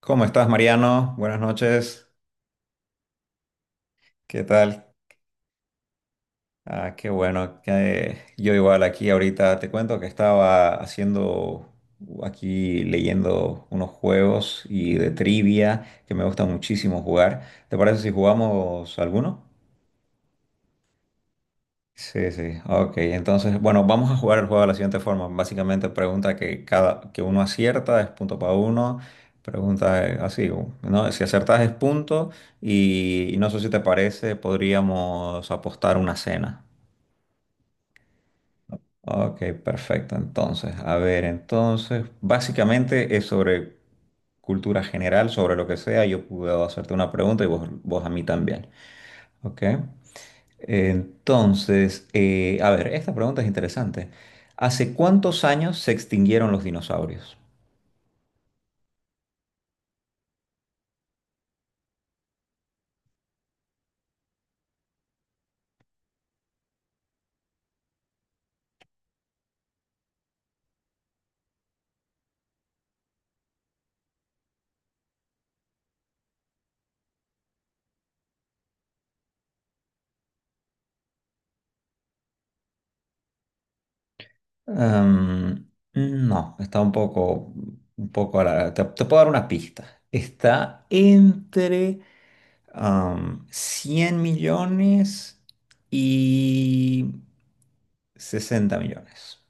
¿Cómo estás, Mariano? Buenas noches. ¿Qué tal? Ah, qué bueno que yo igual aquí ahorita te cuento que estaba haciendo aquí leyendo unos juegos y de trivia que me gusta muchísimo jugar. ¿Te parece si jugamos alguno? Sí, sí, ok. Entonces, bueno, vamos a jugar el juego de la siguiente forma. Básicamente, pregunta que cada que uno acierta es punto para uno. Pregunta así, ¿no? Si acertas es punto y no sé si te parece, podríamos apostar una cena. Ok, perfecto. Entonces, a ver, entonces, básicamente es sobre cultura general, sobre lo que sea. Yo puedo hacerte una pregunta y vos a mí también. Ok. Entonces, a ver, esta pregunta es interesante. ¿Hace cuántos años se extinguieron los dinosaurios? Em, no, está un poco te puedo dar una pista. Está entre 100 millones y 60 millones.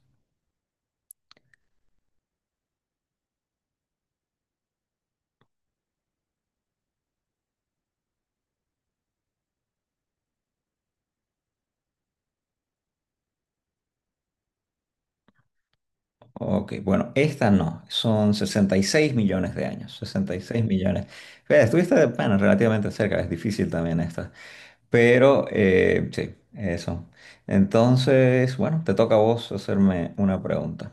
Ok, bueno, esta no, son 66 millones de años. 66 millones. Fíjate, estuviste, bueno, relativamente cerca, es difícil también esta. Pero sí, eso. Entonces, bueno, te toca a vos hacerme una pregunta.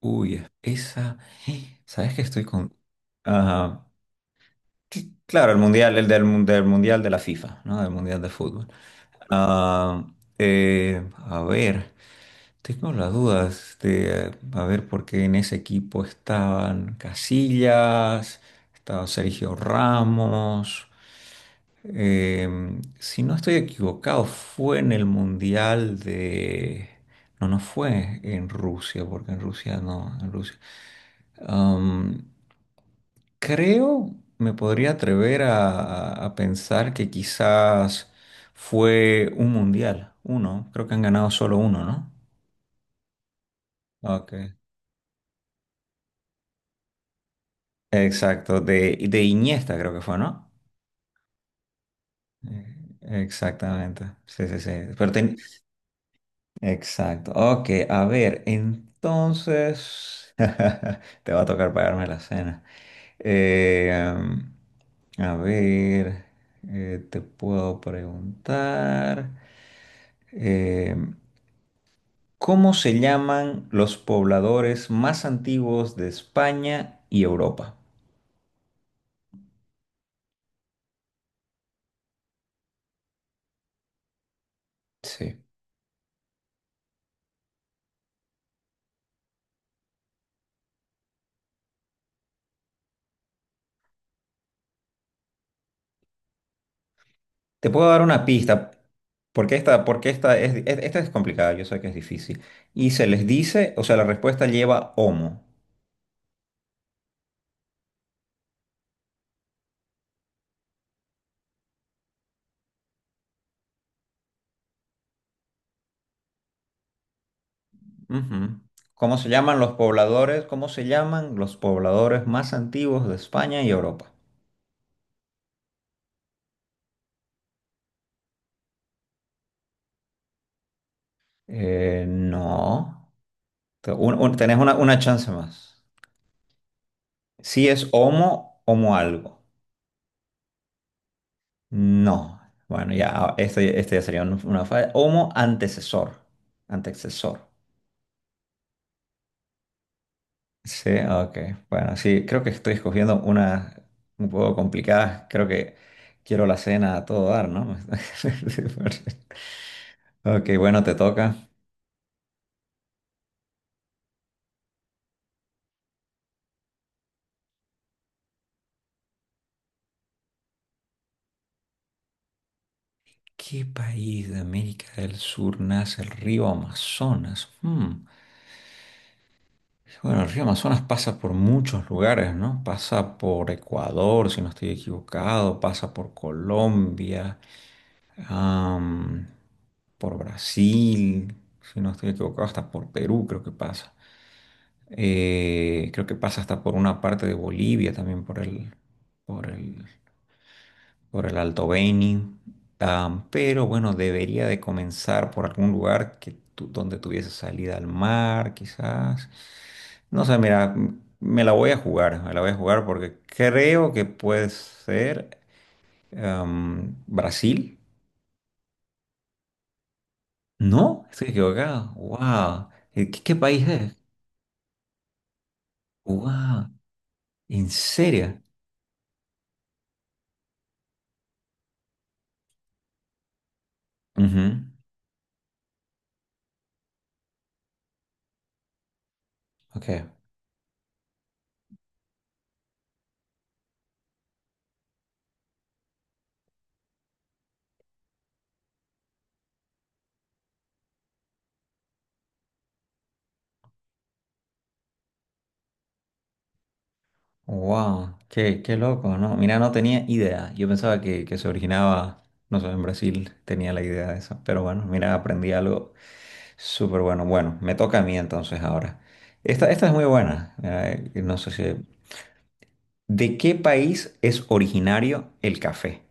Uy, esa. ¿Sabes que estoy con...? Ajá. Sí, claro, el mundial, del mundial de la FIFA, ¿no? Del mundial de fútbol. Ah, a ver, tengo las dudas de a ver por qué en ese equipo estaban Casillas, estaba Sergio Ramos. Si no estoy equivocado, fue en el Mundial de... No, no fue en Rusia, porque en Rusia no, en Rusia. Am, creo, me podría atrever a pensar que quizás fue un mundial, uno. Creo que han ganado solo uno, ¿no? Ok. Exacto, de Iniesta creo que fue, ¿no? Eh, Exactamente, sí, sí, sí. Pero ten- Exacto. Ok, a ver, entonces te va a tocar pagarme la cena. Eh, am, a ver, te puedo preguntar, eh, ¿cómo se llaman los pobladores más antiguos de España y Europa? Sí. Te puedo dar una pista, porque esta, porque esta es complicada, yo sé que es difícil. Y se les dice, o sea, la respuesta lleva homo. Ujú. ¿Cómo se llaman los pobladores? ¿Cómo se llaman los pobladores más antiguos de España y Europa? No. Tenés una chance más. Si es homo, homo algo. No. Bueno, ya, ah, este ya sería una falla. Homo antecesor. Antecesor. Sí, ok. Bueno, sí, creo que estoy escogiendo unas un poco complicadas. Creo que quiero la cena a todo dar, ¿no? Ok, bueno, te toca. ¿Qué país de América del Sur nace el río Amazonas? Hmm. Bueno, el río Amazonas pasa por muchos lugares, ¿no? Pasa por Ecuador, si no estoy equivocado, pasa por Colombia, am, por Brasil, si no estoy equivocado, hasta por Perú creo que pasa. Creo que pasa hasta por una parte de Bolivia también, por el por el Alto Beni, pero bueno, debería de comenzar por algún lugar que donde tuviese salida al mar, quizás. No sé, mira, me la voy a jugar porque creo que puede ser Brasil. ¿No? Estoy equivocado. ¡Wow! ¿Qué país es? ¡Wow! ¿En serio? Ujú. Ok. Wow, qué loco, ¿no? Mira, no tenía idea. Yo pensaba que se originaba, no sé, en Brasil tenía la idea de eso. Pero bueno, mira, aprendí algo súper bueno. Bueno, me toca a mí entonces ahora. Esta es muy buena. Mira, no sé si... ¿De qué país es originario el café?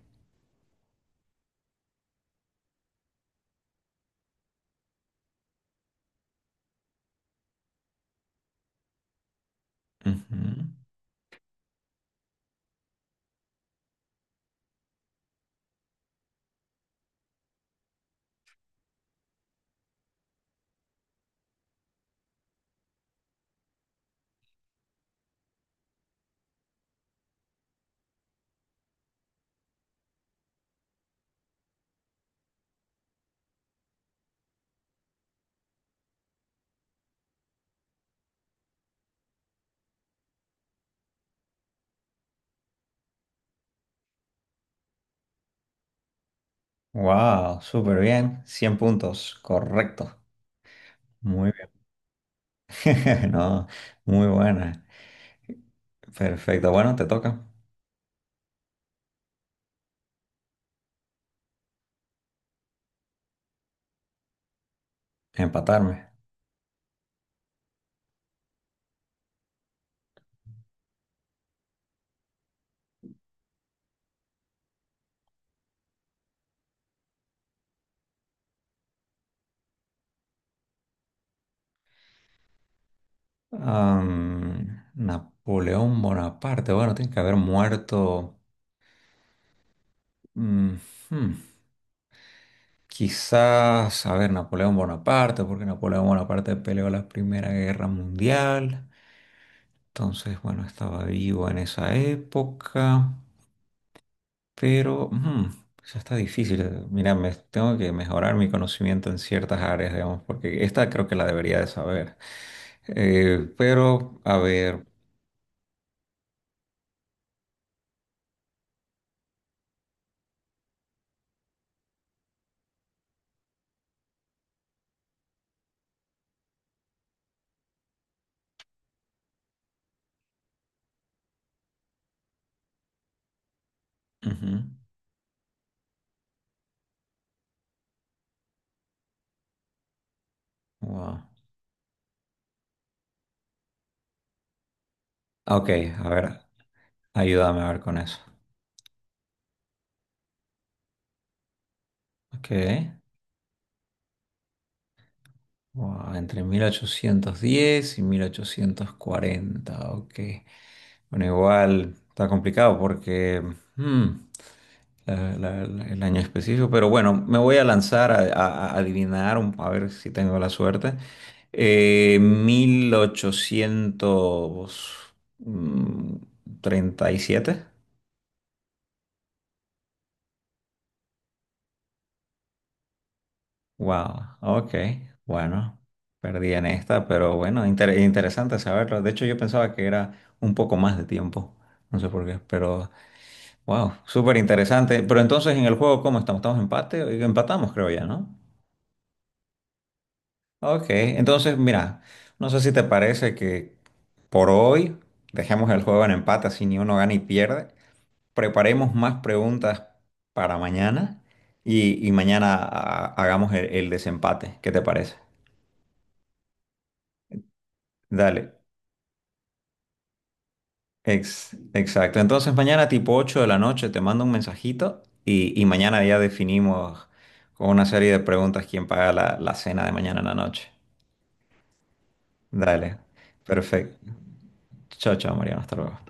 Wow, súper bien. 100 puntos, correcto. Muy bien. No, muy buena. Perfecto. Bueno, te toca empatarme. Napoleón Bonaparte, bueno, tiene que haber muerto. mm, hmm, quizás, a ver, Napoleón Bonaparte, porque Napoleón Bonaparte peleó la Primera Guerra Mundial. Entonces, bueno, estaba vivo en esa época, pero ya está difícil. Mira, me, tengo que mejorar mi conocimiento en ciertas áreas, digamos, porque esta creo que la debería de saber. Pero, a ver. Ujú, wow. Ok, a ver. Ayúdame a ver con eso. Ok. Wow, entre 1810 y 1840. Ok. Bueno, igual está complicado porque hmm, el año específico. Pero bueno, me voy a lanzar a adivinar, a ver si tengo la suerte. 1837. Wow, ok, bueno, perdí en esta, pero bueno, interesante saberlo. De hecho, yo pensaba que era un poco más de tiempo, no sé por qué, pero wow, súper interesante. Pero entonces en el juego, ¿cómo estamos? ¿Estamos empate? Empatamos, creo ya, ¿no? Ok, entonces mira, no sé si te parece que por hoy dejemos el juego en empate, así ni uno gana y pierde. Preparemos más preguntas para mañana y mañana ah, hagamos el desempate. ¿Qué te parece? Dale. Exacto. Entonces mañana tipo 8 de la noche te mando un mensajito y mañana ya definimos con una serie de preguntas quién paga la cena de mañana en la noche. Dale. Perfecto. Chao, chao, Mariano. Hasta luego.